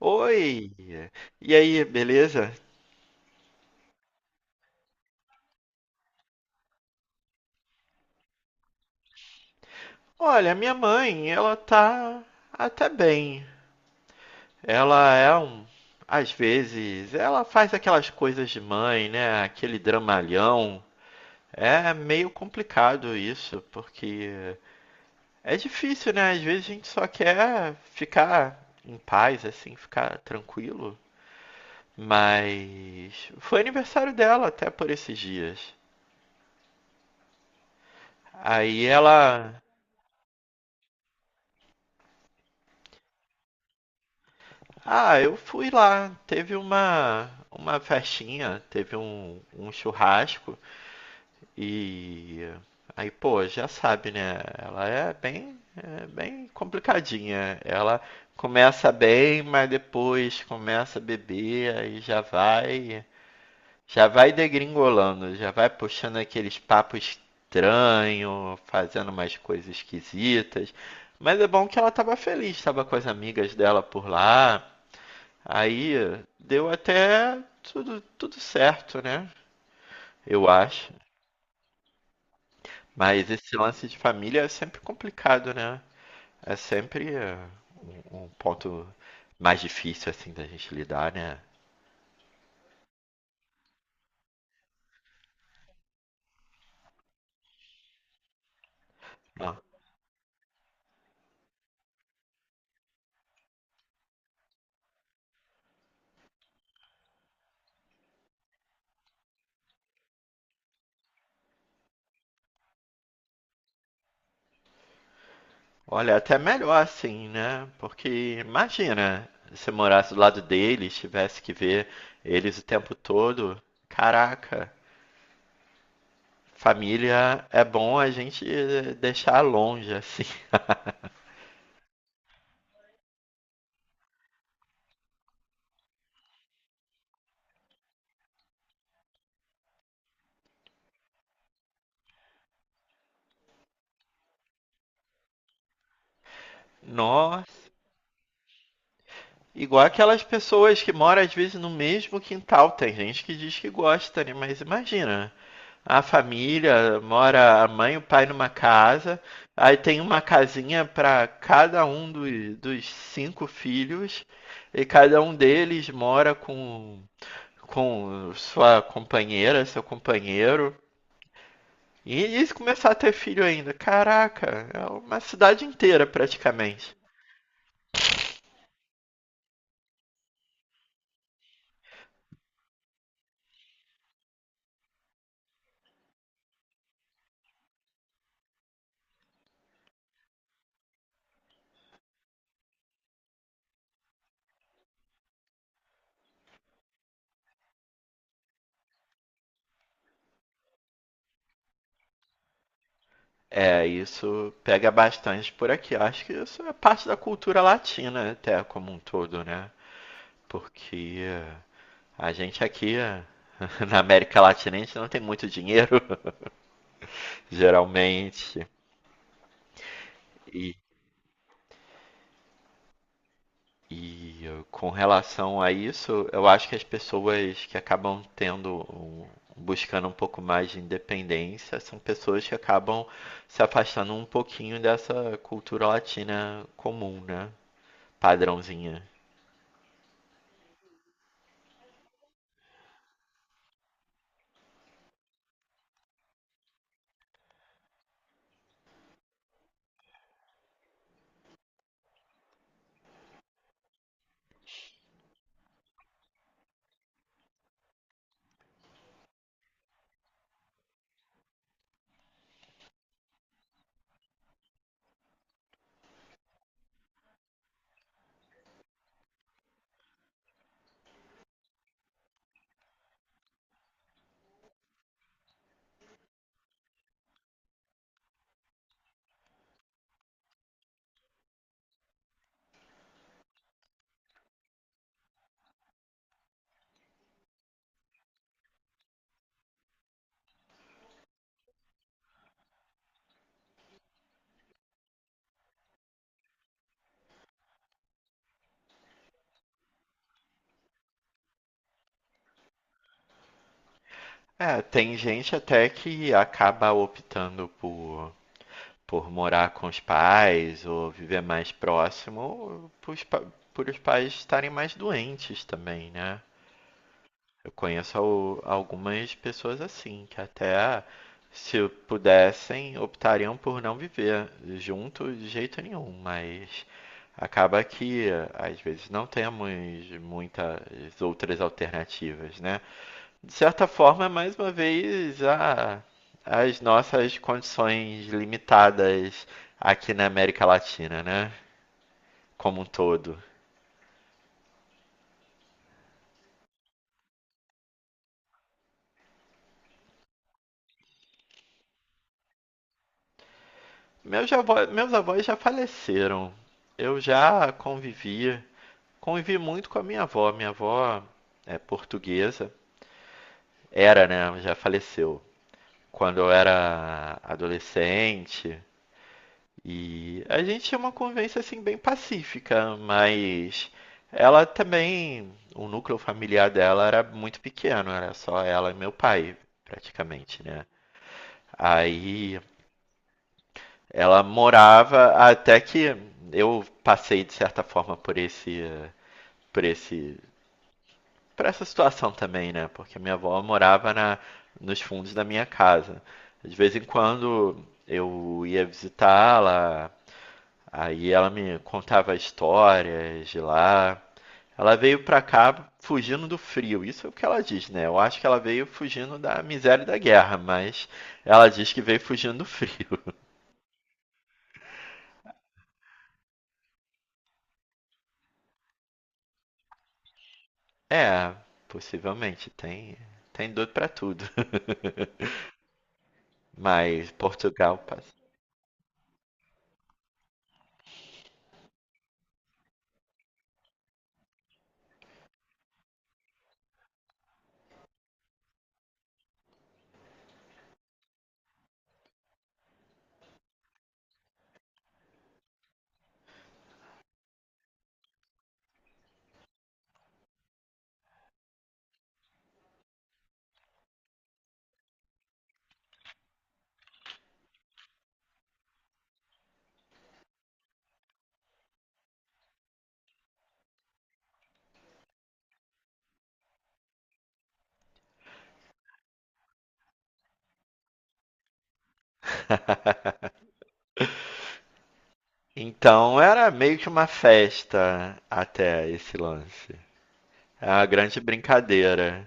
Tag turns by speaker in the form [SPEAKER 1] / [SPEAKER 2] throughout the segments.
[SPEAKER 1] Oi, e aí, beleza? Olha, minha mãe, ela tá até bem. Ela é um. Às vezes, ela faz aquelas coisas de mãe, né? Aquele dramalhão. É meio complicado isso, porque é difícil, né? Às vezes a gente só quer ficar em paz, assim, ficar tranquilo. Mas foi aniversário dela até por esses dias. Aí ela Ah, eu fui lá. Teve uma festinha, teve um churrasco e aí, pô, já sabe, né? Ela é bem complicadinha. Ela começa bem, mas depois começa a beber, aí já vai degringolando, já vai puxando aqueles papos estranhos, fazendo umas coisas esquisitas. Mas é bom que ela tava feliz, tava com as amigas dela por lá. Aí deu até tudo, tudo certo, né? Eu acho. Mas esse lance de família é sempre complicado, né? É sempre um ponto mais difícil, assim, da gente lidar, né? Ah, olha, é até melhor assim, né? Porque imagina se eu morasse do lado deles, tivesse que ver eles o tempo todo. Caraca, família é bom a gente deixar longe, assim. Nossa. Igual aquelas pessoas que moram às vezes no mesmo quintal. Tem gente que diz que gosta, né? Mas imagina, a família mora a mãe e o pai numa casa, aí tem uma casinha para cada um dos, dos cinco filhos, e cada um deles mora com sua companheira, seu companheiro. E eles começar a ter filho ainda. Caraca, é uma cidade inteira praticamente. É, isso pega bastante por aqui. Eu acho que isso é parte da cultura latina até como um todo, né? Porque a gente aqui na América Latina a gente não tem muito dinheiro, geralmente. E, e com relação a isso, eu acho que as pessoas que acabam buscando um pouco mais de independência são pessoas que acabam se afastando um pouquinho dessa cultura latina comum, né? Padrãozinha. É, tem gente até que acaba optando por morar com os pais ou viver mais próximo, por os pais estarem mais doentes também, né? Eu conheço algumas pessoas assim, que até se pudessem, optariam por não viver junto de jeito nenhum, mas acaba que às vezes não temos muitas outras alternativas, né? De certa forma, é mais uma vez, a, as nossas condições limitadas aqui na América Latina, né? Como um todo. Meus avós já faleceram. Eu já convivi, Convivi muito com a minha avó. Minha avó é portuguesa. Era, né? Já faleceu. Quando eu era adolescente, e a gente tinha uma convivência assim bem pacífica, mas ela também, o núcleo familiar dela era muito pequeno, era só ela e meu pai, praticamente, né? Aí ela morava até que eu passei de certa forma por esse por essa situação também, né? Porque minha avó morava na nos fundos da minha casa. De vez em quando eu ia visitá-la, aí ela me contava histórias de lá. Ela veio pra cá fugindo do frio, isso é o que ela diz, né? Eu acho que ela veio fugindo da miséria e da guerra, mas ela diz que veio fugindo do frio. É, possivelmente, tem dor pra tudo. Mas Portugal passa. Então era meio que uma festa até esse lance. É uma grande brincadeira.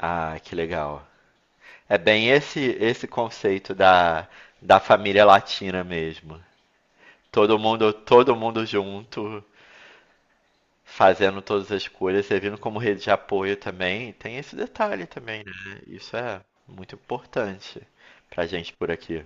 [SPEAKER 1] Ah, que legal. É bem esse conceito da, da família latina mesmo. Todo mundo junto, fazendo todas as coisas, servindo como rede de apoio também. Tem esse detalhe também, né? Isso é muito importante pra gente por aqui.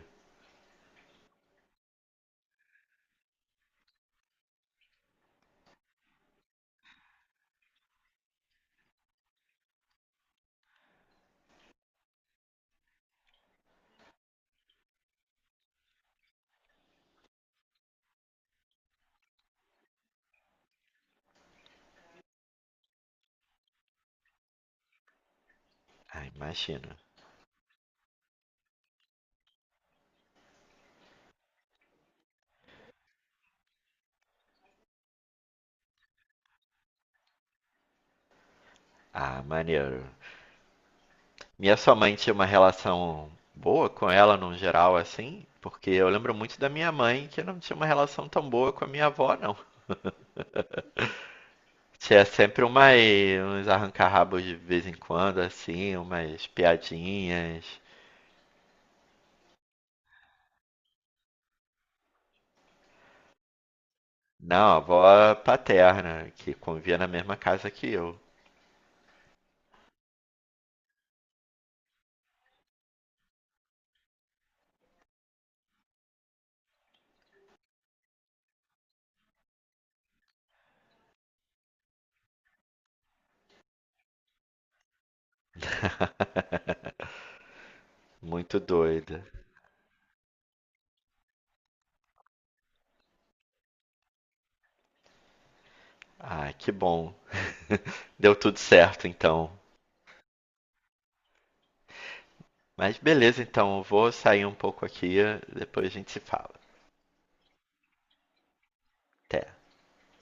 [SPEAKER 1] Ah, imagina. Ah, maneiro. Minha sua mãe tinha uma relação boa com ela no geral, assim, porque eu lembro muito da minha mãe que não tinha uma relação tão boa com a minha avó, não. Tinha sempre uma, uns arranca-rabos de vez em quando, assim, umas piadinhas. Não, a avó paterna, que convivia na mesma casa que eu. Muito doida. Ah, que bom. Deu tudo certo, então. Mas beleza, então, eu vou sair um pouco aqui, depois a gente se fala. Até.